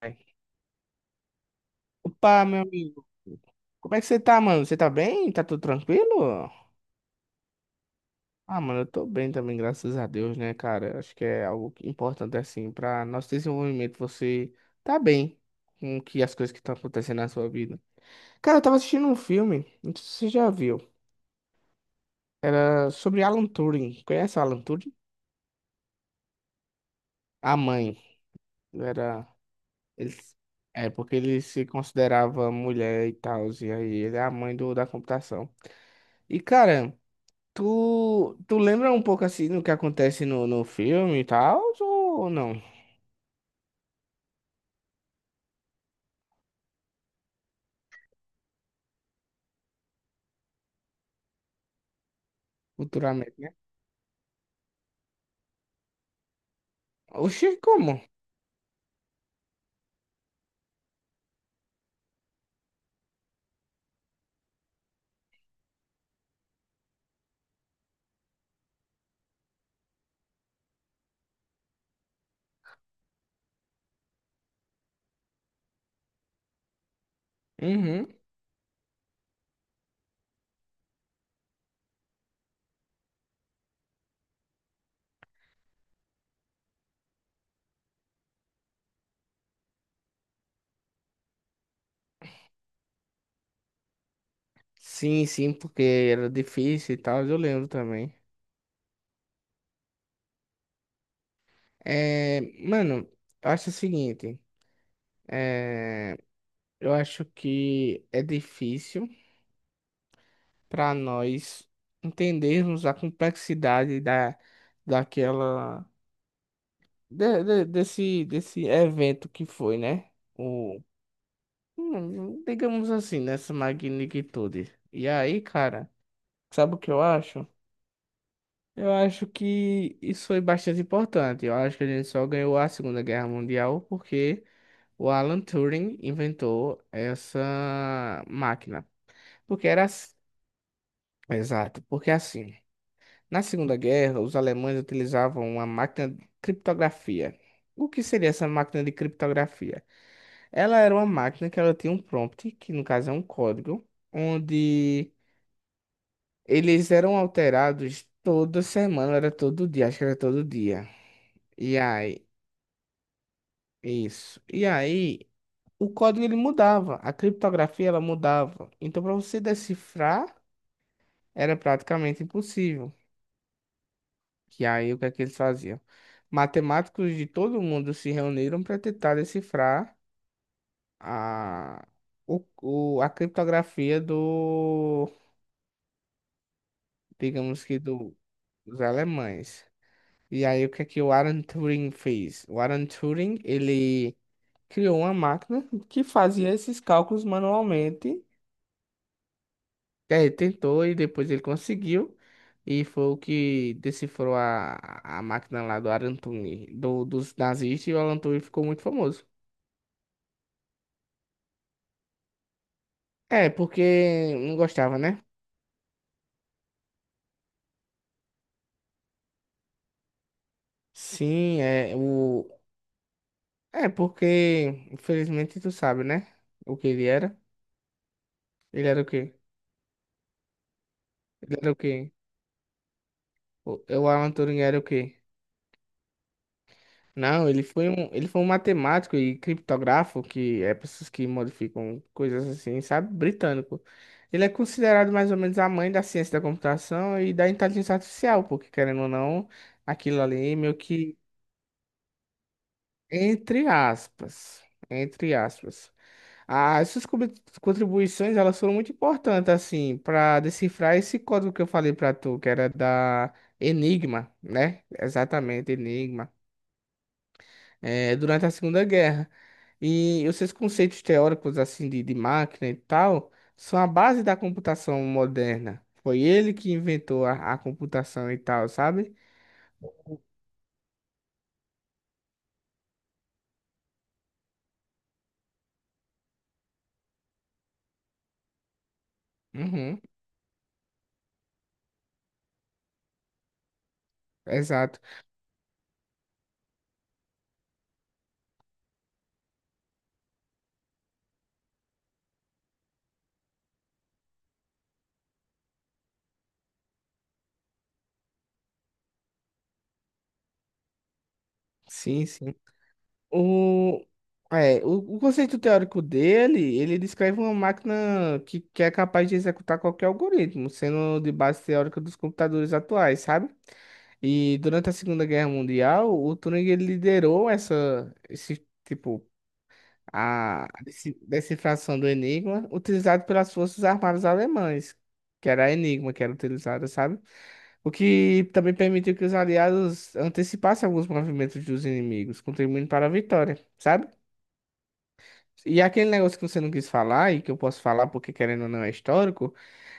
Ai. Opa, meu amigo. Como é que você tá, mano? Você tá bem? Tá tudo tranquilo? Ah, mano, eu tô bem também, graças a Deus, né, cara? Acho que é algo importante, assim, pra nosso desenvolvimento. Você tá bem com que as coisas que estão acontecendo na sua vida. Cara, eu tava assistindo um filme, não sei se você já viu. Era sobre Alan Turing. Conhece o Alan Turing? A mãe. Era. Ele... É, porque ele se considerava mulher e tal, e aí ele é a mãe da computação. E, cara. Tu lembra um pouco assim do que acontece no filme e tal, ou não? Futuramente, né? Oxi, como? Uhum. Sim, sim, porque era difícil e tal, eu lembro também. É, mano, eu acho o seguinte, é, eu acho que é difícil para nós entendermos a complexidade da, daquela, de- desse, desse evento que foi, né? Digamos assim, nessa magnitude. E aí, cara, sabe o que eu acho? Eu acho que isso foi bastante importante. Eu acho que a gente só ganhou a Segunda Guerra Mundial porque o Alan Turing inventou essa máquina. Porque era assim. Exato, porque assim, na Segunda Guerra, os alemães utilizavam uma máquina de criptografia. O que seria essa máquina de criptografia? Ela era uma máquina que ela tinha um prompt, que no caso é um código, onde eles eram alterados toda semana, era todo dia, acho que era todo dia. E aí, isso. E aí, o código ele mudava, a criptografia ela mudava. Então, para você decifrar, era praticamente impossível. Que aí, o que é que eles faziam? Matemáticos de todo mundo se reuniram para tentar decifrar a, a criptografia digamos que dos alemães. E aí, o que é que o Alan Turing fez? O Alan Turing, ele criou uma máquina que fazia esses cálculos manualmente. É, ele tentou e depois ele conseguiu. E foi o que decifrou a máquina lá do Alan Turing, dos nazistas, e o Alan Turing ficou muito famoso. É, porque não gostava, né? Sim, é o. É porque, infelizmente, tu sabe, né? O que ele era? Ele era o quê? Ele era o quê? O, o Alan Turing era o quê? Não, ele foi um matemático e criptógrafo, que é pessoas que modificam coisas assim, sabe? Britânico. Ele é considerado mais ou menos a mãe da ciência da computação e da inteligência artificial, porque querendo ou não, aquilo ali meio que entre aspas, entre aspas. As suas contribuições, elas foram muito importantes assim para decifrar esse código que eu falei para tu, que era da Enigma, né? Exatamente, Enigma. Durante a Segunda Guerra. E os seus conceitos teóricos assim de máquina e tal são a base da computação moderna. Foi ele que inventou a computação e tal, sabe? Uhum, exato. Sim, sim. O, o conceito teórico dele, ele descreve uma máquina que é capaz de executar qualquer algoritmo, sendo de base teórica dos computadores atuais, sabe? E durante a Segunda Guerra Mundial, o Turing ele liderou essa, esse tipo a deci- decifração do Enigma, utilizado pelas Forças Armadas Alemãs, que era a Enigma que era utilizada, sabe? O que também permitiu que os aliados antecipassem alguns movimentos dos inimigos, contribuindo para a vitória, sabe? E aquele negócio que você não quis falar, e que eu posso falar porque querendo ou não é histórico,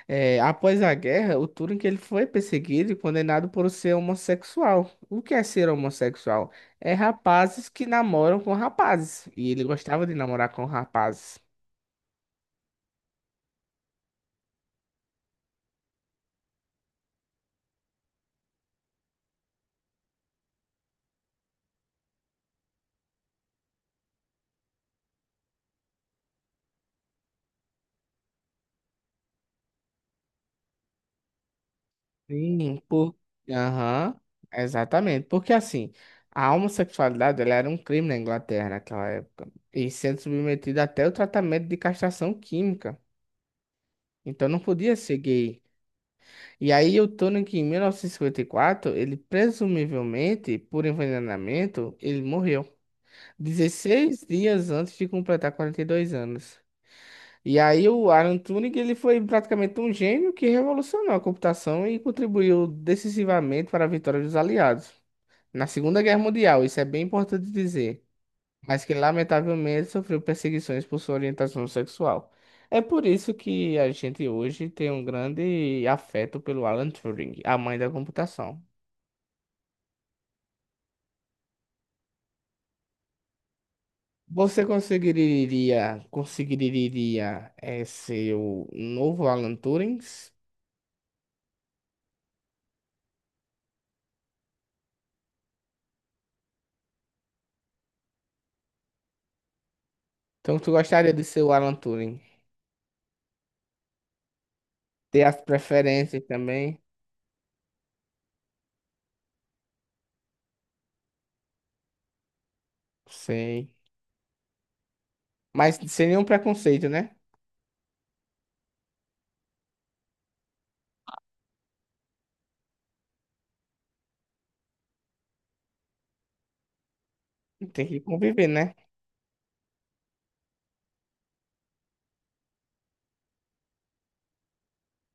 após a guerra, o Turing ele foi perseguido e condenado por ser homossexual. O que é ser homossexual? É rapazes que namoram com rapazes, e ele gostava de namorar com rapazes. Sim, por... Aham, exatamente. Porque assim, a homossexualidade ela era um crime na Inglaterra naquela época. E sendo submetida até o tratamento de castração química. Então não podia ser gay. E aí eu tô Tony, que em mil novecentos e cinquenta e quatro ele presumivelmente, por envenenamento, ele morreu. 16 dias antes de completar 42 anos. E aí o Alan Turing ele foi praticamente um gênio que revolucionou a computação e contribuiu decisivamente para a vitória dos aliados na Segunda Guerra Mundial, isso é bem importante dizer, mas que lamentavelmente sofreu perseguições por sua orientação sexual. É por isso que a gente hoje tem um grande afeto pelo Alan Turing, a mãe da computação. Você conseguiria, ser o novo Alan Turing? Então, tu gostaria de ser o Alan Turing? Ter as preferências também? Sei. Mas sem nenhum preconceito, né? Tem que conviver, né?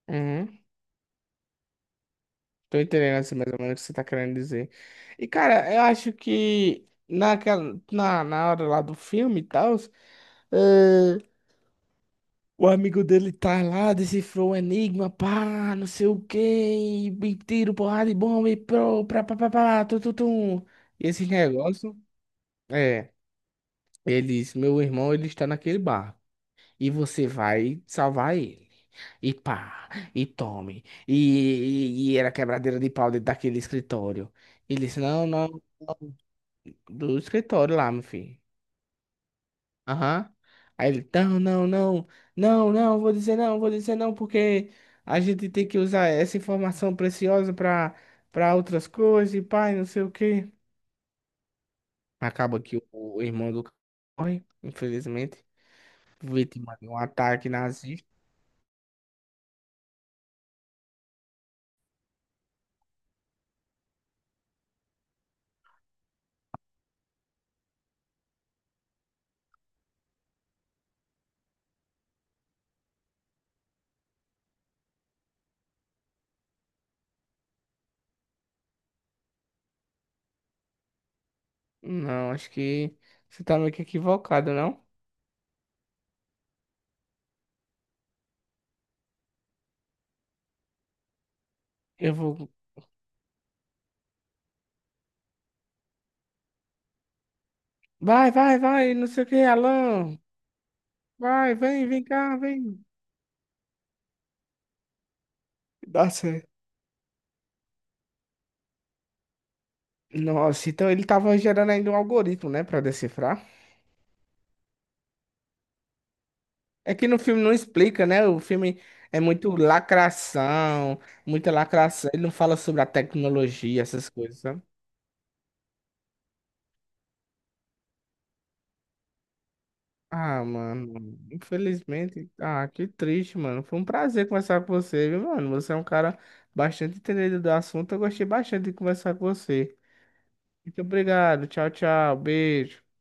Uhum. Tô entendendo assim mais ou menos o que você tá querendo dizer. E, cara, eu acho que na hora lá do filme e tal, eh, o amigo dele tá lá, decifrou o enigma, pá, não sei o quê, e tiro, porrada e bomba, e pro, pra, pá, pá, pá, tu, tu, tu. E esse negócio, é, ele disse, meu irmão, ele está naquele bar, e você vai salvar ele. E pá, e tome. E era quebradeira de pau dentro daquele escritório. Ele disse, não, não. Do escritório lá, meu filho. Aham. Aí ele, não, não, não, não, não, vou dizer não, vou dizer não, porque a gente tem que usar essa informação preciosa pra outras coisas e pai, não sei o quê. Acaba que o irmão do cara morre, infelizmente, vítima de um ataque nazista. Não, acho que você tá meio que equivocado, não? Eu vou. Vai, vai, vai, não sei o que, Alan. Vai, vem, vem cá, vem. Dá certo. Nossa, então ele tava gerando ainda um algoritmo, né, pra decifrar. É que no filme não explica, né? O filme é muito lacração, muita lacração. Ele não fala sobre a tecnologia, essas coisas, sabe? Ah, mano, infelizmente. Ah, que triste, mano. Foi um prazer conversar com você, viu, mano? Você é um cara bastante entendido do assunto. Eu gostei bastante de conversar com você. Muito obrigado. Tchau, tchau. Beijo.